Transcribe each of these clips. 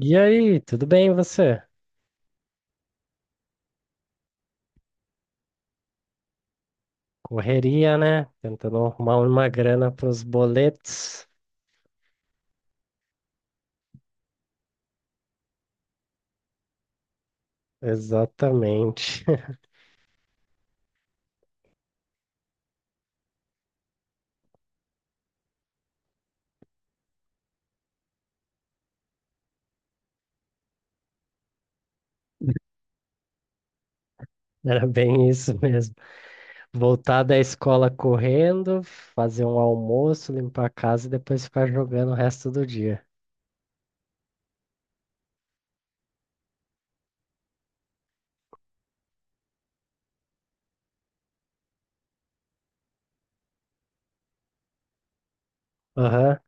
E aí, tudo bem e você? Correria, né? Tentando arrumar uma grana para os boletos. Exatamente. Era bem isso mesmo. Voltar da escola correndo, fazer um almoço, limpar a casa e depois ficar jogando o resto do dia. Aham.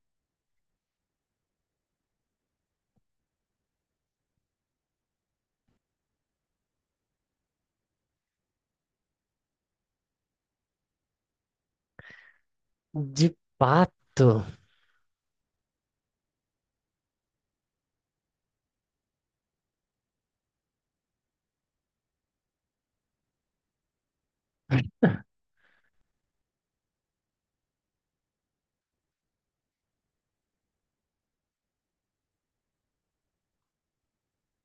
De pato.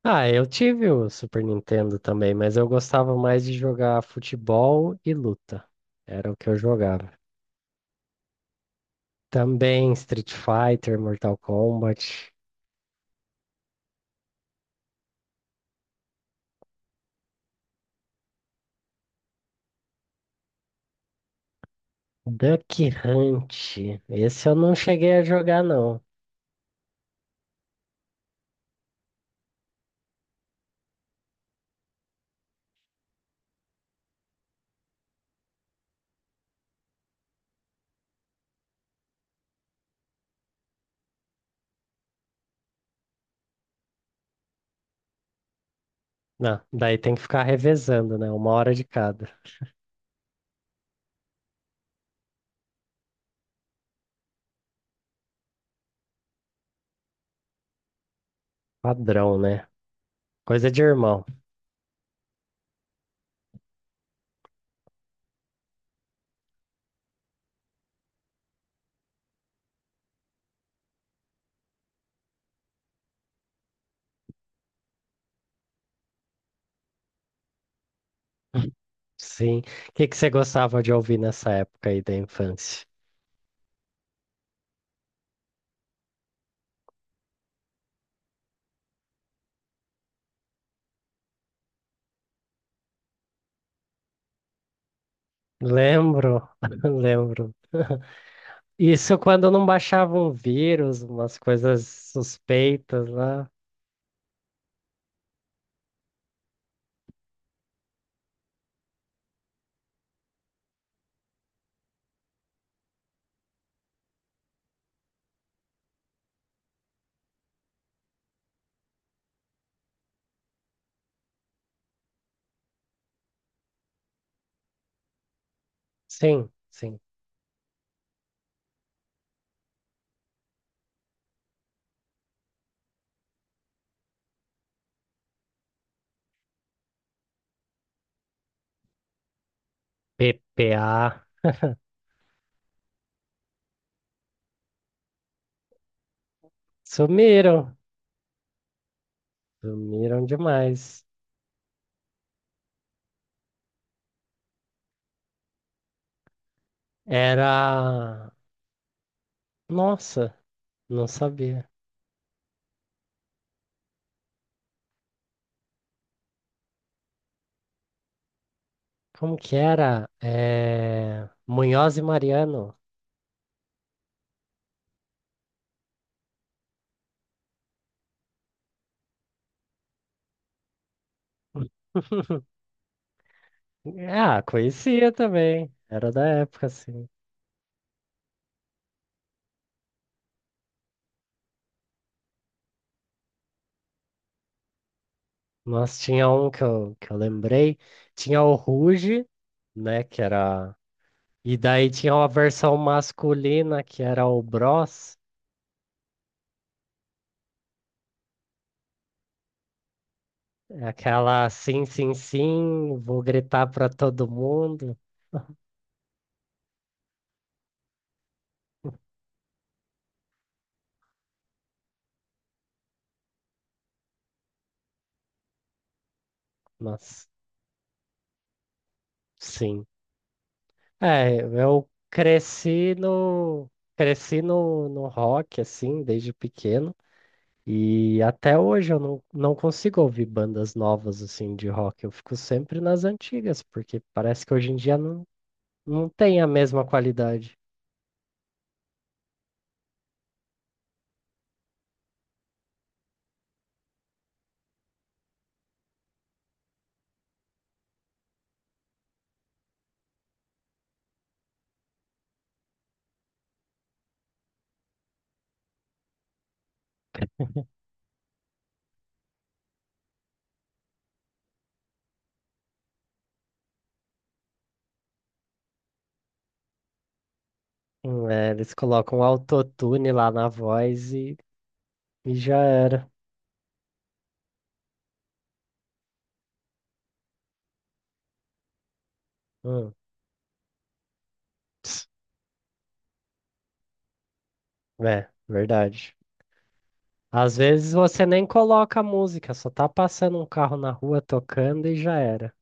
Ah, eu tive o Super Nintendo também, mas eu gostava mais de jogar futebol e luta. Era o que eu jogava. Também Street Fighter, Mortal Kombat. Duck Hunt. Esse eu não cheguei a jogar, não. Não, daí tem que ficar revezando, né? Uma hora de cada. Padrão, né? Coisa de irmão. Sim. O que você gostava de ouvir nessa época aí da infância? Lembro, lembro. Isso quando não baixava um vírus, umas coisas suspeitas lá. Sim, sim. PPA. Sumiram, sumiram demais. Era. Nossa, não sabia. Como que era? É... Munhoz e Mariano. Ah, conhecia também. Era da época, assim. Mas tinha um que eu lembrei. Tinha o Ruge, né? Que era. E daí tinha uma versão masculina, que era o Bros. É, aquela, sim, sim, sim, vou gritar pra todo mundo. Nossa, sim. É, eu cresci no cresci no rock assim desde pequeno e até hoje eu não consigo ouvir bandas novas assim de rock. Eu fico sempre nas antigas porque parece que hoje em dia não tem a mesma qualidade. É, eles colocam autotune lá na voz e já era. Hum, ps, é, verdade. Às vezes você nem coloca a música, só tá passando um carro na rua tocando e já era.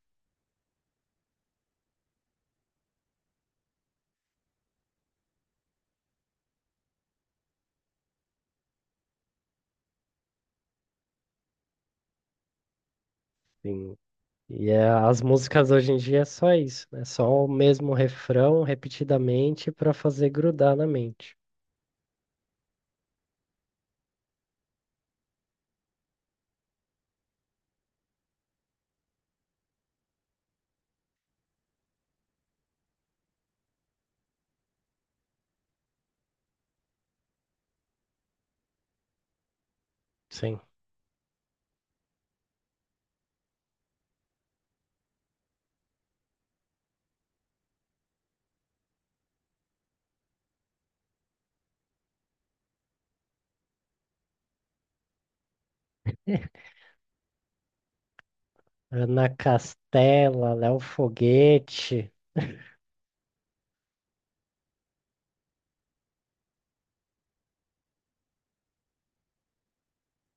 Sim, e é, as músicas hoje em dia é só isso, é só o mesmo refrão repetidamente para fazer grudar na mente. Sim. Ana Castela, Léo Foguete,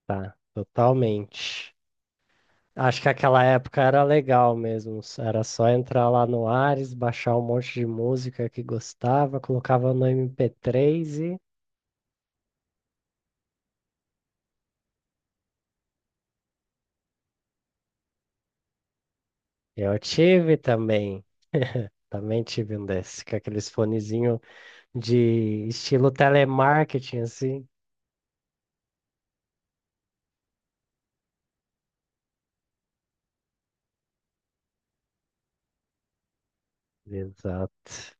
tá, totalmente. Acho que aquela época era legal mesmo, era só entrar lá no Ares, baixar um monte de música que gostava, colocava no MP3 e eu tive também. Também tive um desses, com aqueles fonezinho de estilo telemarketing, assim. Exato.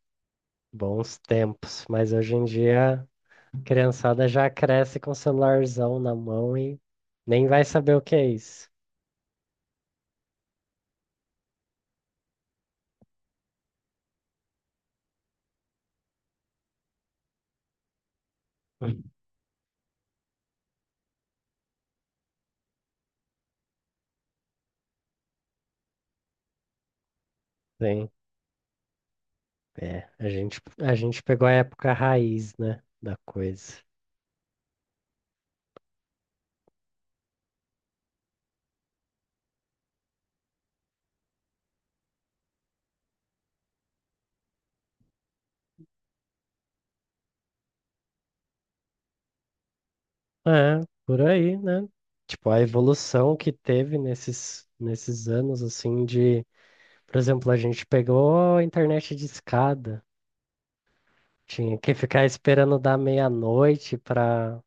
Bons tempos. Mas hoje em dia, a criançada já cresce com o celularzão na mão e nem vai saber o que é isso. Hum. Sim. É, a gente pegou a época raiz, né, da coisa. É, por aí, né? Tipo, a evolução que teve nesses anos, assim, de... Por exemplo, a gente pegou a internet de escada. Tinha que ficar esperando dar meia-noite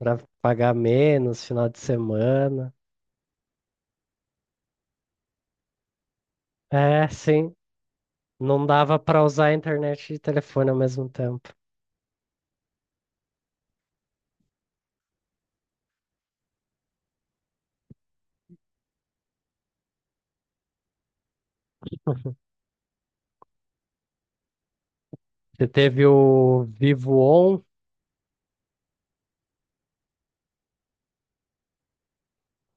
para pagar menos, final de semana. É, sim, não dava para usar a internet e telefone ao mesmo tempo. Você teve o Vivo On,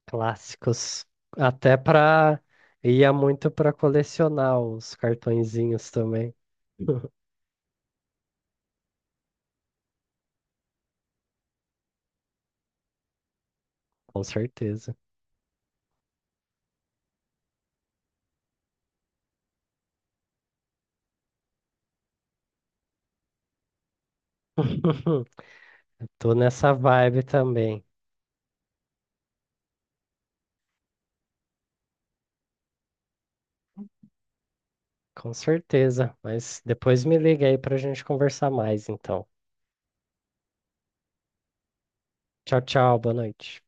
clássicos, até para ia muito para colecionar os cartõezinhos também. Com certeza. Tô nessa vibe também. Com certeza. Mas depois me liga aí pra gente conversar mais, então. Tchau, tchau. Boa noite.